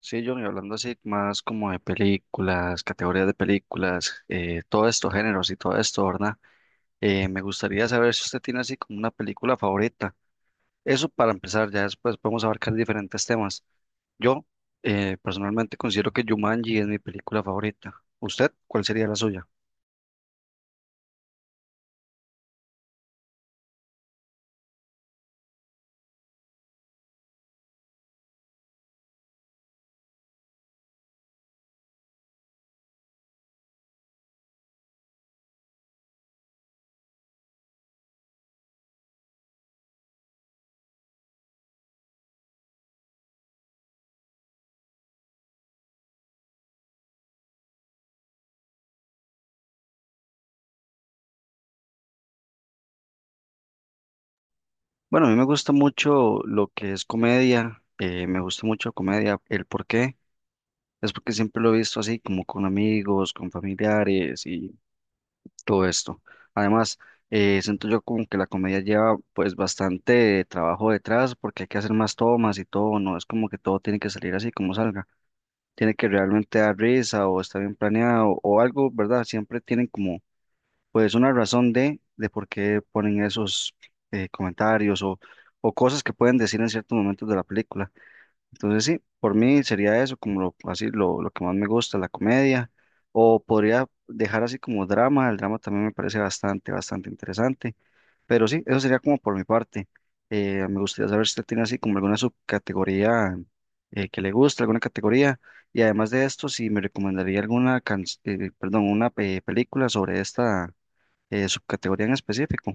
Sí, John, y hablando así más como de películas, categorías de películas, todos estos géneros y todo esto, ¿verdad? Me gustaría saber si usted tiene así como una película favorita. Eso para empezar, ya después podemos abarcar diferentes temas. Yo Personalmente considero que Jumanji es mi película favorita. ¿Usted cuál sería la suya? Bueno, a mí me gusta mucho lo que es comedia, me gusta mucho comedia. ¿El por qué? Es porque siempre lo he visto así, como con amigos, con familiares todo esto. Además, siento yo como que la comedia lleva pues bastante trabajo detrás porque hay que hacer más tomas y todo, no es como que todo tiene que salir así como salga, tiene que realmente dar risa o está bien planeado o algo, ¿verdad? Siempre tienen como pues una razón de por qué ponen esos comentarios o cosas que pueden decir en ciertos momentos de la película. Entonces sí, por mí sería eso, como lo, así lo que más me gusta, la comedia, o podría dejar así como drama, el drama también me parece bastante, bastante interesante, pero sí, eso sería como por mi parte. Me gustaría saber si usted tiene así como alguna subcategoría que le gusta, alguna categoría, y además de esto, si me recomendaría perdón, una película sobre esta subcategoría en específico.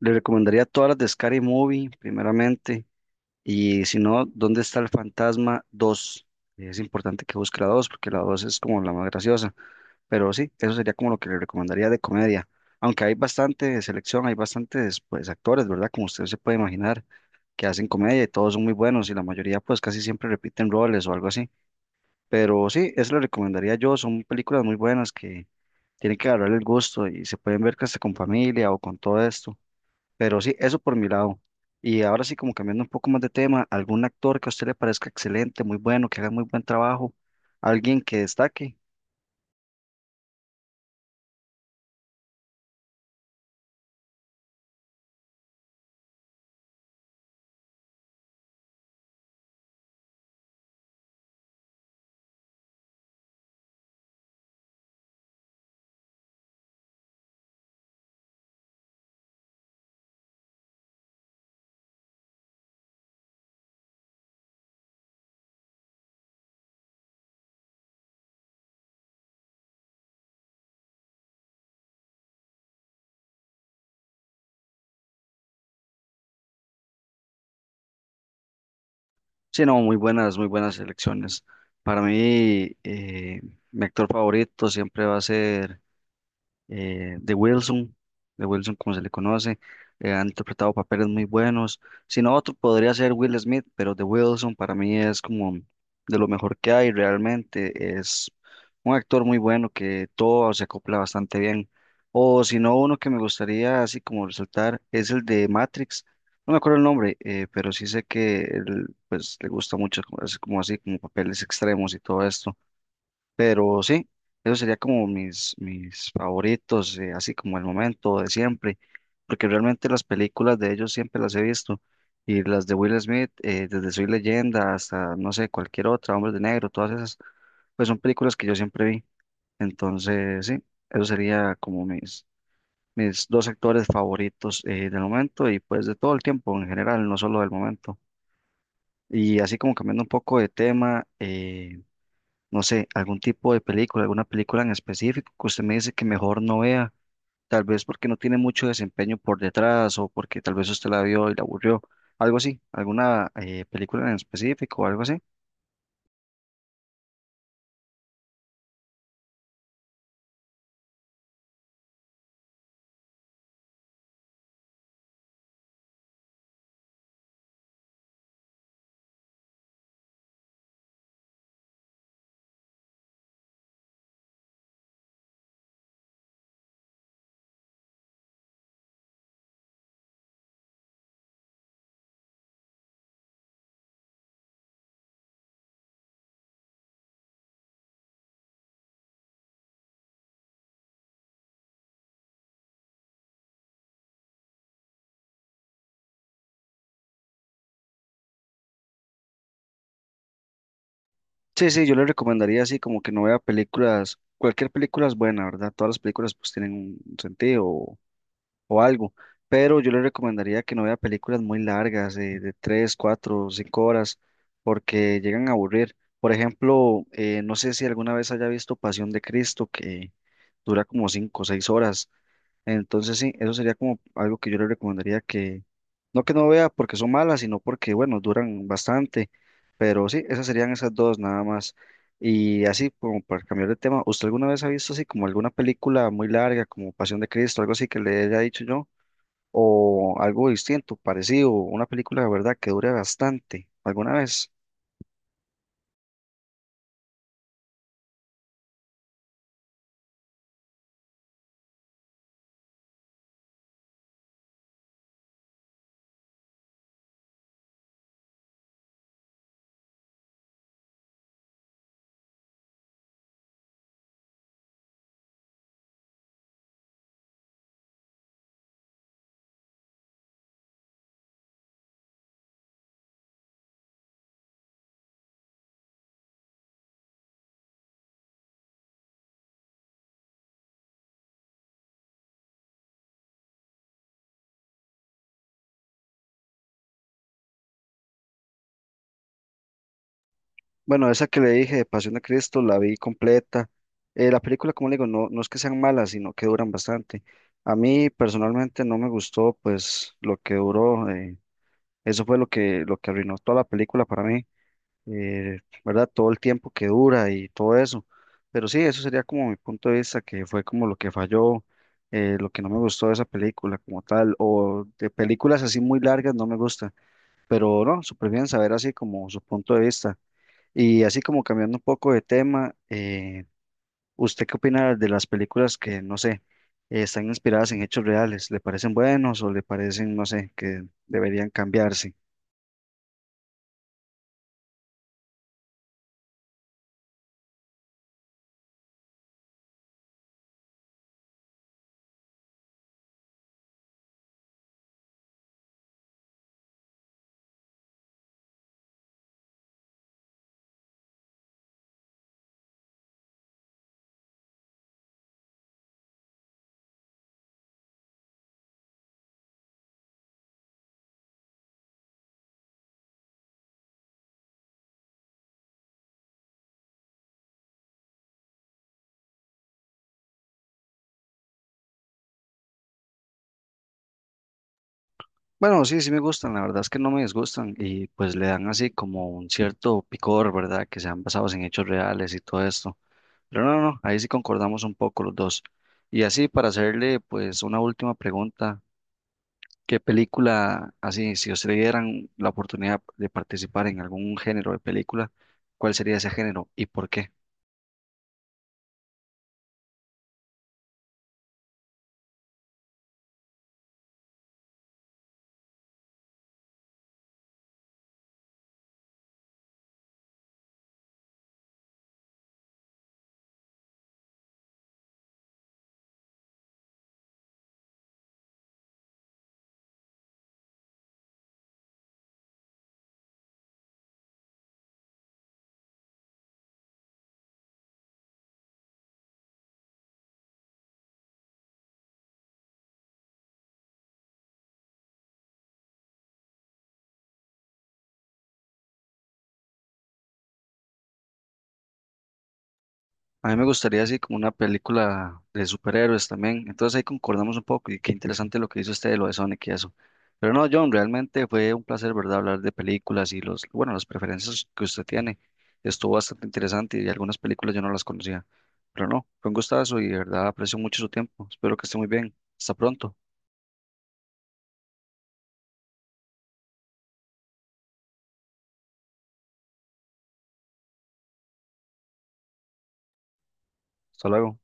Le recomendaría todas las de Scary Movie, primeramente. Y si no, ¿dónde está el fantasma dos? Es importante que busque la 2 porque la 2 es como la más graciosa. Pero sí, eso sería como lo que le recomendaría de comedia. Aunque hay bastante selección, hay bastantes pues actores, ¿verdad? Como usted se puede imaginar, que hacen comedia y todos son muy buenos y la mayoría pues casi siempre repiten roles o algo así. Pero sí, eso le recomendaría yo. Son películas muy buenas que tienen que agarrar el gusto y se pueden ver casi con familia o con todo esto. Pero sí, eso por mi lado. Y ahora sí, como cambiando un poco más de tema, algún actor que a usted le parezca excelente, muy bueno, que haga muy buen trabajo, alguien que destaque. Sí, no, muy buenas elecciones. Para mí, eh, mi actor favorito siempre va a ser eh, de Wilson, de Wilson como se le conoce, han interpretado papeles muy buenos. Si no, otro podría ser Will Smith, pero de Wilson para mí es como de lo mejor que hay realmente. Es un actor muy bueno que todo se acopla bastante bien. O si no, uno que me gustaría así como resaltar es el de Matrix. No me acuerdo el nombre, pero sí sé que él, pues, le gusta mucho, como- así como así, como papeles extremos y todo esto. Pero sí, eso sería como mis favoritos, así como el momento de siempre, porque realmente las películas de ellos siempre las he visto, y las de Will Smith, desde Soy Leyenda hasta, no sé, cualquier otra, Hombres de Negro, todas esas, pues son películas que yo siempre vi. Entonces, sí, eso sería como mis dos actores favoritos del momento y pues de todo el tiempo en general, no solo del momento. Y así como cambiando un poco de tema, no sé, algún tipo de película, alguna película en específico que usted me dice que mejor no vea, tal vez porque no tiene mucho desempeño por detrás o porque tal vez usted la vio y la aburrió, algo así, alguna película en específico o algo así. Sí, sí, yo le recomendaría así como que no vea películas, cualquier película es buena, ¿verdad? Todas las películas pues tienen un sentido, o algo. Pero yo le recomendaría que no vea películas muy largas, de 3, 4, 5 horas, porque llegan a aburrir. Por ejemplo, no sé si alguna vez haya visto Pasión de Cristo, que dura como 5 o 6 horas. Entonces, sí, eso sería como algo que yo le recomendaría que no vea porque son malas, sino porque, bueno, duran bastante. Pero sí, esas serían esas dos nada más. Y así, como para cambiar de tema, ¿usted alguna vez ha visto así como alguna película muy larga, como Pasión de Cristo, algo así que le haya dicho yo? ¿O algo distinto, parecido, una película de verdad que dure bastante, alguna vez? Bueno, esa que le dije de Pasión de Cristo la vi completa. La película, como le digo, no, no es que sean malas, sino que duran bastante. A mí personalmente no me gustó, pues, lo que duró. Eso fue lo que arruinó toda la película para mí. eh, ¿Verdad? Todo el tiempo que dura y todo eso. Pero sí, eso sería como mi punto de vista, que fue como lo que falló, lo que no me gustó de esa película como tal, o de películas así muy largas no me gusta, pero no, súper bien saber así como su punto de vista. Y así como cambiando un poco de tema, ¿usted qué opina de las películas que, no sé, están inspiradas en hechos reales? ¿Le parecen buenos o le parecen, no sé, que deberían cambiarse? Bueno, sí, sí me gustan, la verdad es que no me disgustan y pues le dan así como un cierto picor, ¿verdad? Que sean basados en hechos reales y todo esto. Pero no, no, ahí sí concordamos un poco los dos. Y así para hacerle pues una última pregunta, ¿qué película, así, si ustedes dieran la oportunidad de participar en algún género de película, cuál sería ese género y por qué? A mí me gustaría así como una película de superhéroes también. Entonces ahí concordamos un poco y qué interesante lo que hizo usted de lo de Sonic y eso. Pero no, John, realmente fue un placer, ¿verdad? Hablar de películas y los, bueno, las preferencias que usted tiene. Estuvo bastante interesante y algunas películas yo no las conocía. Pero no, fue un gustazo y de verdad aprecio mucho su tiempo. Espero que esté muy bien. Hasta pronto. Hasta luego.